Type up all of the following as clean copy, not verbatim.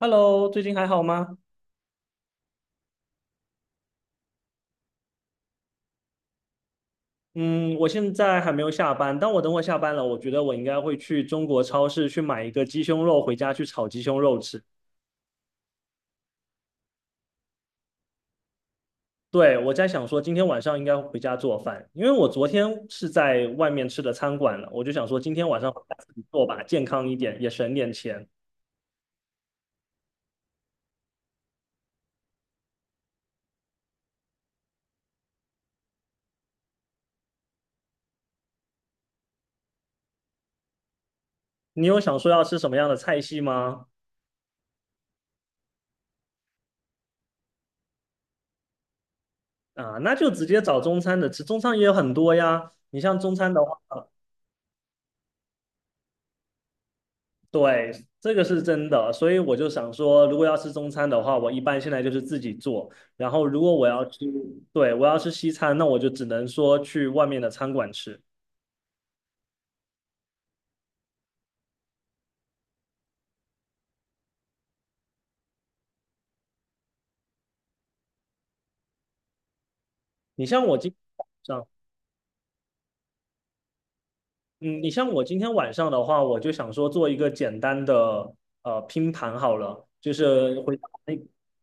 Hello，最近还好吗？嗯，我现在还没有下班，但我等会下班了，我觉得我应该会去中国超市去买一个鸡胸肉回家去炒鸡胸肉吃。对，我在想说今天晚上应该回家做饭，因为我昨天是在外面吃的餐馆了，我就想说今天晚上回家自己做吧，健康一点，也省点钱。你有想说要吃什么样的菜系吗？啊，那就直接找中餐的吃，中餐也有很多呀。你像中餐的话。对，这个是真的，所以我就想说，如果要吃中餐的话，我一般现在就是自己做。然后，如果我要吃，对，我要吃西餐，那我就只能说去外面的餐馆吃。你像我今天晚嗯，你像我今天晚上的话，我就想说做一个简单的拼盘好了，就是回家那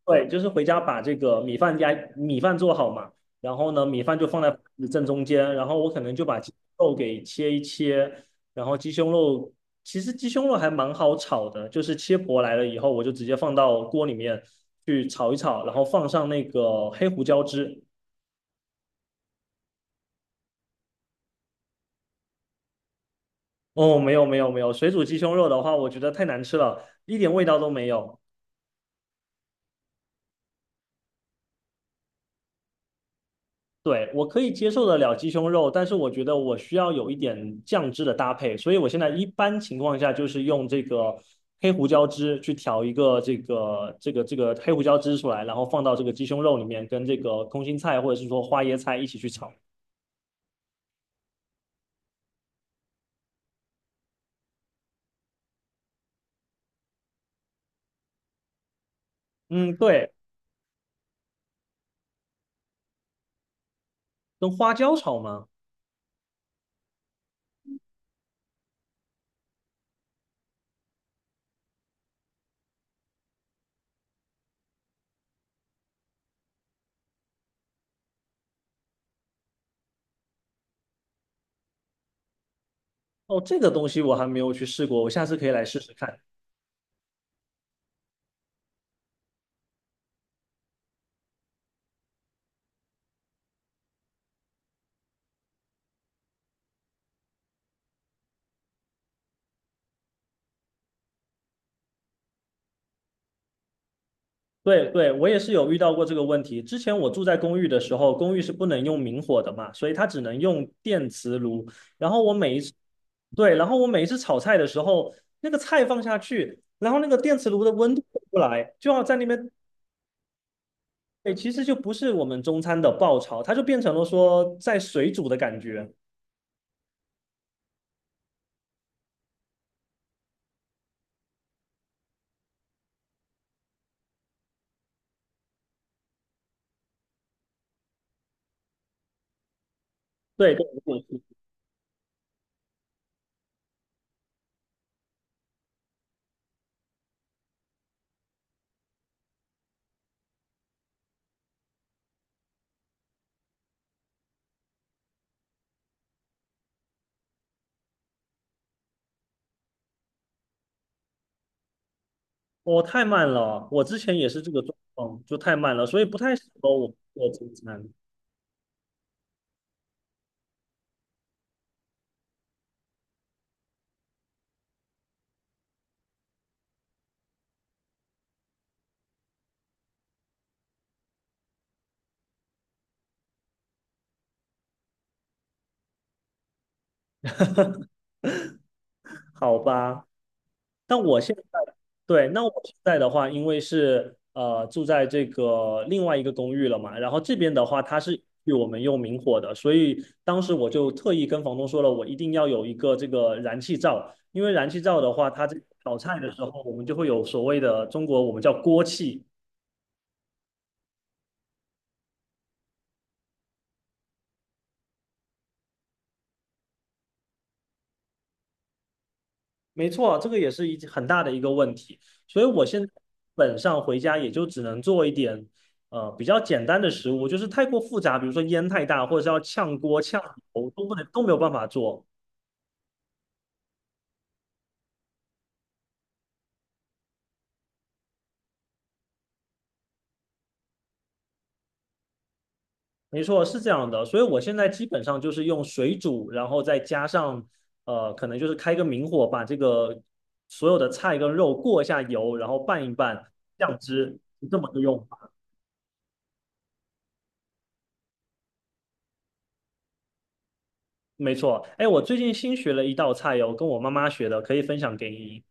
对，就是回家把这个米饭加做好嘛，然后呢米饭就放在正中间，然后我可能就把鸡肉给切一切，然后鸡胸肉其实鸡胸肉还蛮好炒的，就是切薄来了以后，我就直接放到锅里面去炒一炒，然后放上那个黑胡椒汁。哦，没有没有没有，水煮鸡胸肉的话，我觉得太难吃了，一点味道都没有。对，我可以接受得了鸡胸肉，但是我觉得我需要有一点酱汁的搭配，所以我现在一般情况下就是用这个黑胡椒汁去调一个这个黑胡椒汁出来，然后放到这个鸡胸肉里面，跟这个空心菜或者是说花椰菜一起去炒。嗯，对，跟花椒炒吗？哦，这个东西我还没有去试过，我下次可以来试试看。对对，我也是有遇到过这个问题。之前我住在公寓的时候，公寓是不能用明火的嘛，所以它只能用电磁炉。然后我每一次，对，然后我每一次炒菜的时候，那个菜放下去，然后那个电磁炉的温度出不来，就要在那边，对，其实就不是我们中餐的爆炒，它就变成了说在水煮的感觉。对对对，我太慢了，我之前也是这个状况，就太慢了，所以不太适合我做中餐。好吧，那我现在，对，那我现在的话，因为是住在这个另外一个公寓了嘛，然后这边的话，它是与我们用明火的，所以当时我就特意跟房东说了，我一定要有一个这个燃气灶，因为燃气灶的话，它这个炒菜的时候，我们就会有所谓的中国我们叫锅气，没错，这个也是一很大的一个问题，所以我现在基本上回家也就只能做一点，比较简单的食物，就是太过复杂，比如说烟太大，或者是要炝锅、炝油，都不能都没有办法做。没错，是这样的，所以我现在基本上就是用水煮，然后再加上，可能就是开个明火，把这个所有的菜跟肉过一下油，然后拌一拌，酱汁，是这么个用法。没错，哎，我最近新学了一道菜哟，跟我妈妈学的，可以分享给你。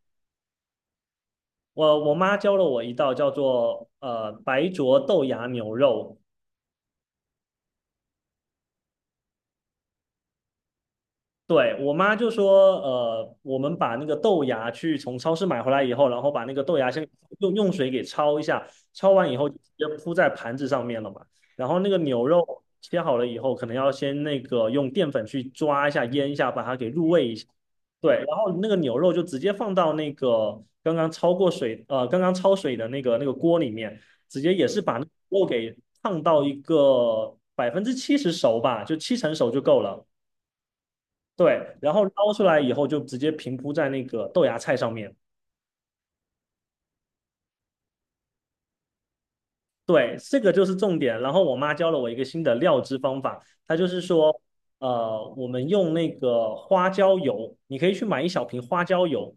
我妈教了我一道叫做白灼豆芽牛肉，对，我妈就说，我们把那个豆芽去从超市买回来以后，然后把那个豆芽先用水给焯一下，焯完以后就直接铺在盘子上面了嘛。然后那个牛肉切好了以后，可能要先那个用淀粉去抓一下、腌一下，把它给入味一下。对，然后那个牛肉就直接放到那个刚刚焯过水，刚刚焯水的那个锅里面，直接也是把那个肉给烫到一个70%熟吧，就七成熟就够了。对，然后捞出来以后就直接平铺在那个豆芽菜上面。对，这个就是重点。然后我妈教了我一个新的料汁方法，她就是说，我们用那个花椒油，你可以去买一小瓶花椒油，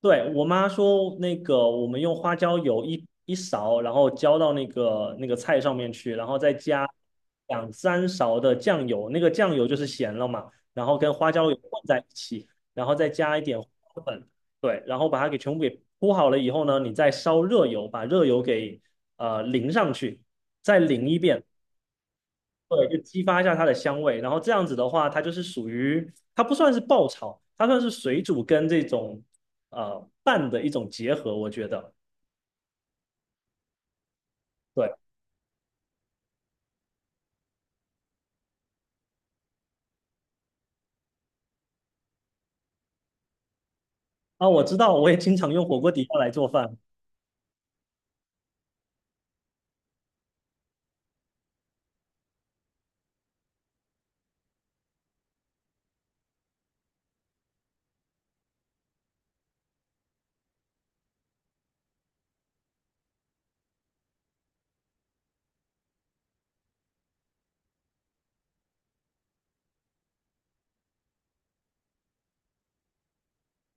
对，我妈说，那个我们用花椒油一勺，然后浇到那个菜上面去，然后再加两三勺的酱油，那个酱油就是咸了嘛，然后跟花椒油混在一起，然后再加一点花椒粉，对，然后把它给全部给铺好了以后呢，你再烧热油，把热油给淋上去，再淋一遍，对，就激发一下它的香味。然后这样子的话，它就是属于它不算是爆炒，它算是水煮跟这种拌的一种结合，我觉得。对啊，我知道，我也经常用火锅底料来做饭，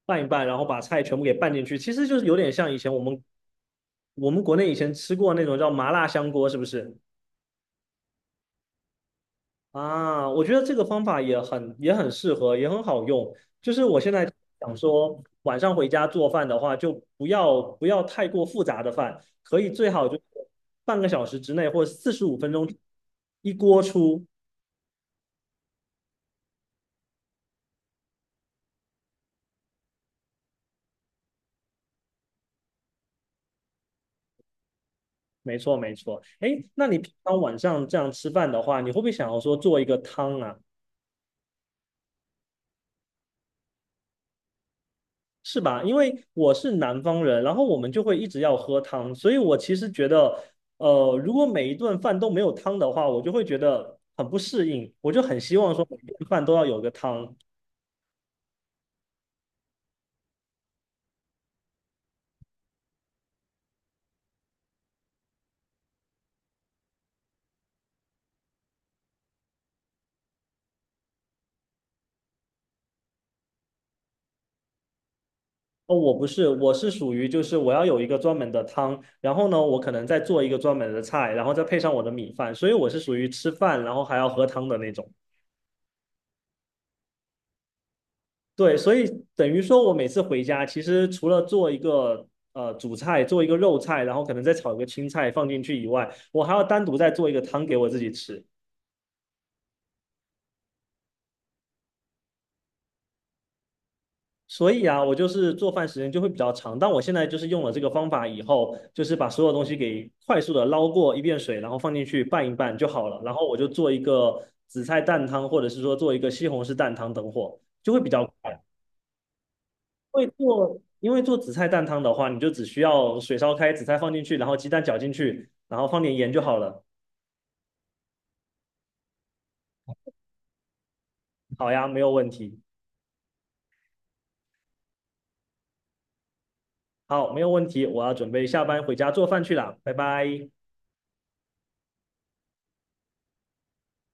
拌一拌，然后把菜全部给拌进去，其实就是有点像以前我们国内以前吃过那种叫麻辣香锅，是不是？啊，我觉得这个方法也很适合，也很好用。就是我现在想说，晚上回家做饭的话，就不要太过复杂的饭，可以最好就是半个小时之内或45分钟一锅出。没错，没错。哎，那你平常晚上这样吃饭的话，你会不会想要说做一个汤啊？是吧？因为我是南方人，然后我们就会一直要喝汤，所以我其实觉得，如果每一顿饭都没有汤的话，我就会觉得很不适应，我就很希望说每顿饭都要有个汤。哦，我不是，我是属于就是我要有一个专门的汤，然后呢，我可能再做一个专门的菜，然后再配上我的米饭，所以我是属于吃饭然后还要喝汤的那种。对，所以等于说我每次回家，其实除了做一个主菜，做一个肉菜，然后可能再炒一个青菜放进去以外，我还要单独再做一个汤给我自己吃。所以啊，我就是做饭时间就会比较长。但我现在就是用了这个方法以后，就是把所有东西给快速的捞过一遍水，然后放进去拌一拌就好了。然后我就做一个紫菜蛋汤，或者是说做一个西红柿蛋汤等火，就会比较快。会做，因为做紫菜蛋汤的话，你就只需要水烧开，紫菜放进去，然后鸡蛋搅进去，然后放点盐就好了。好呀，没有问题。好，没有问题，我要准备下班回家做饭去了，拜拜。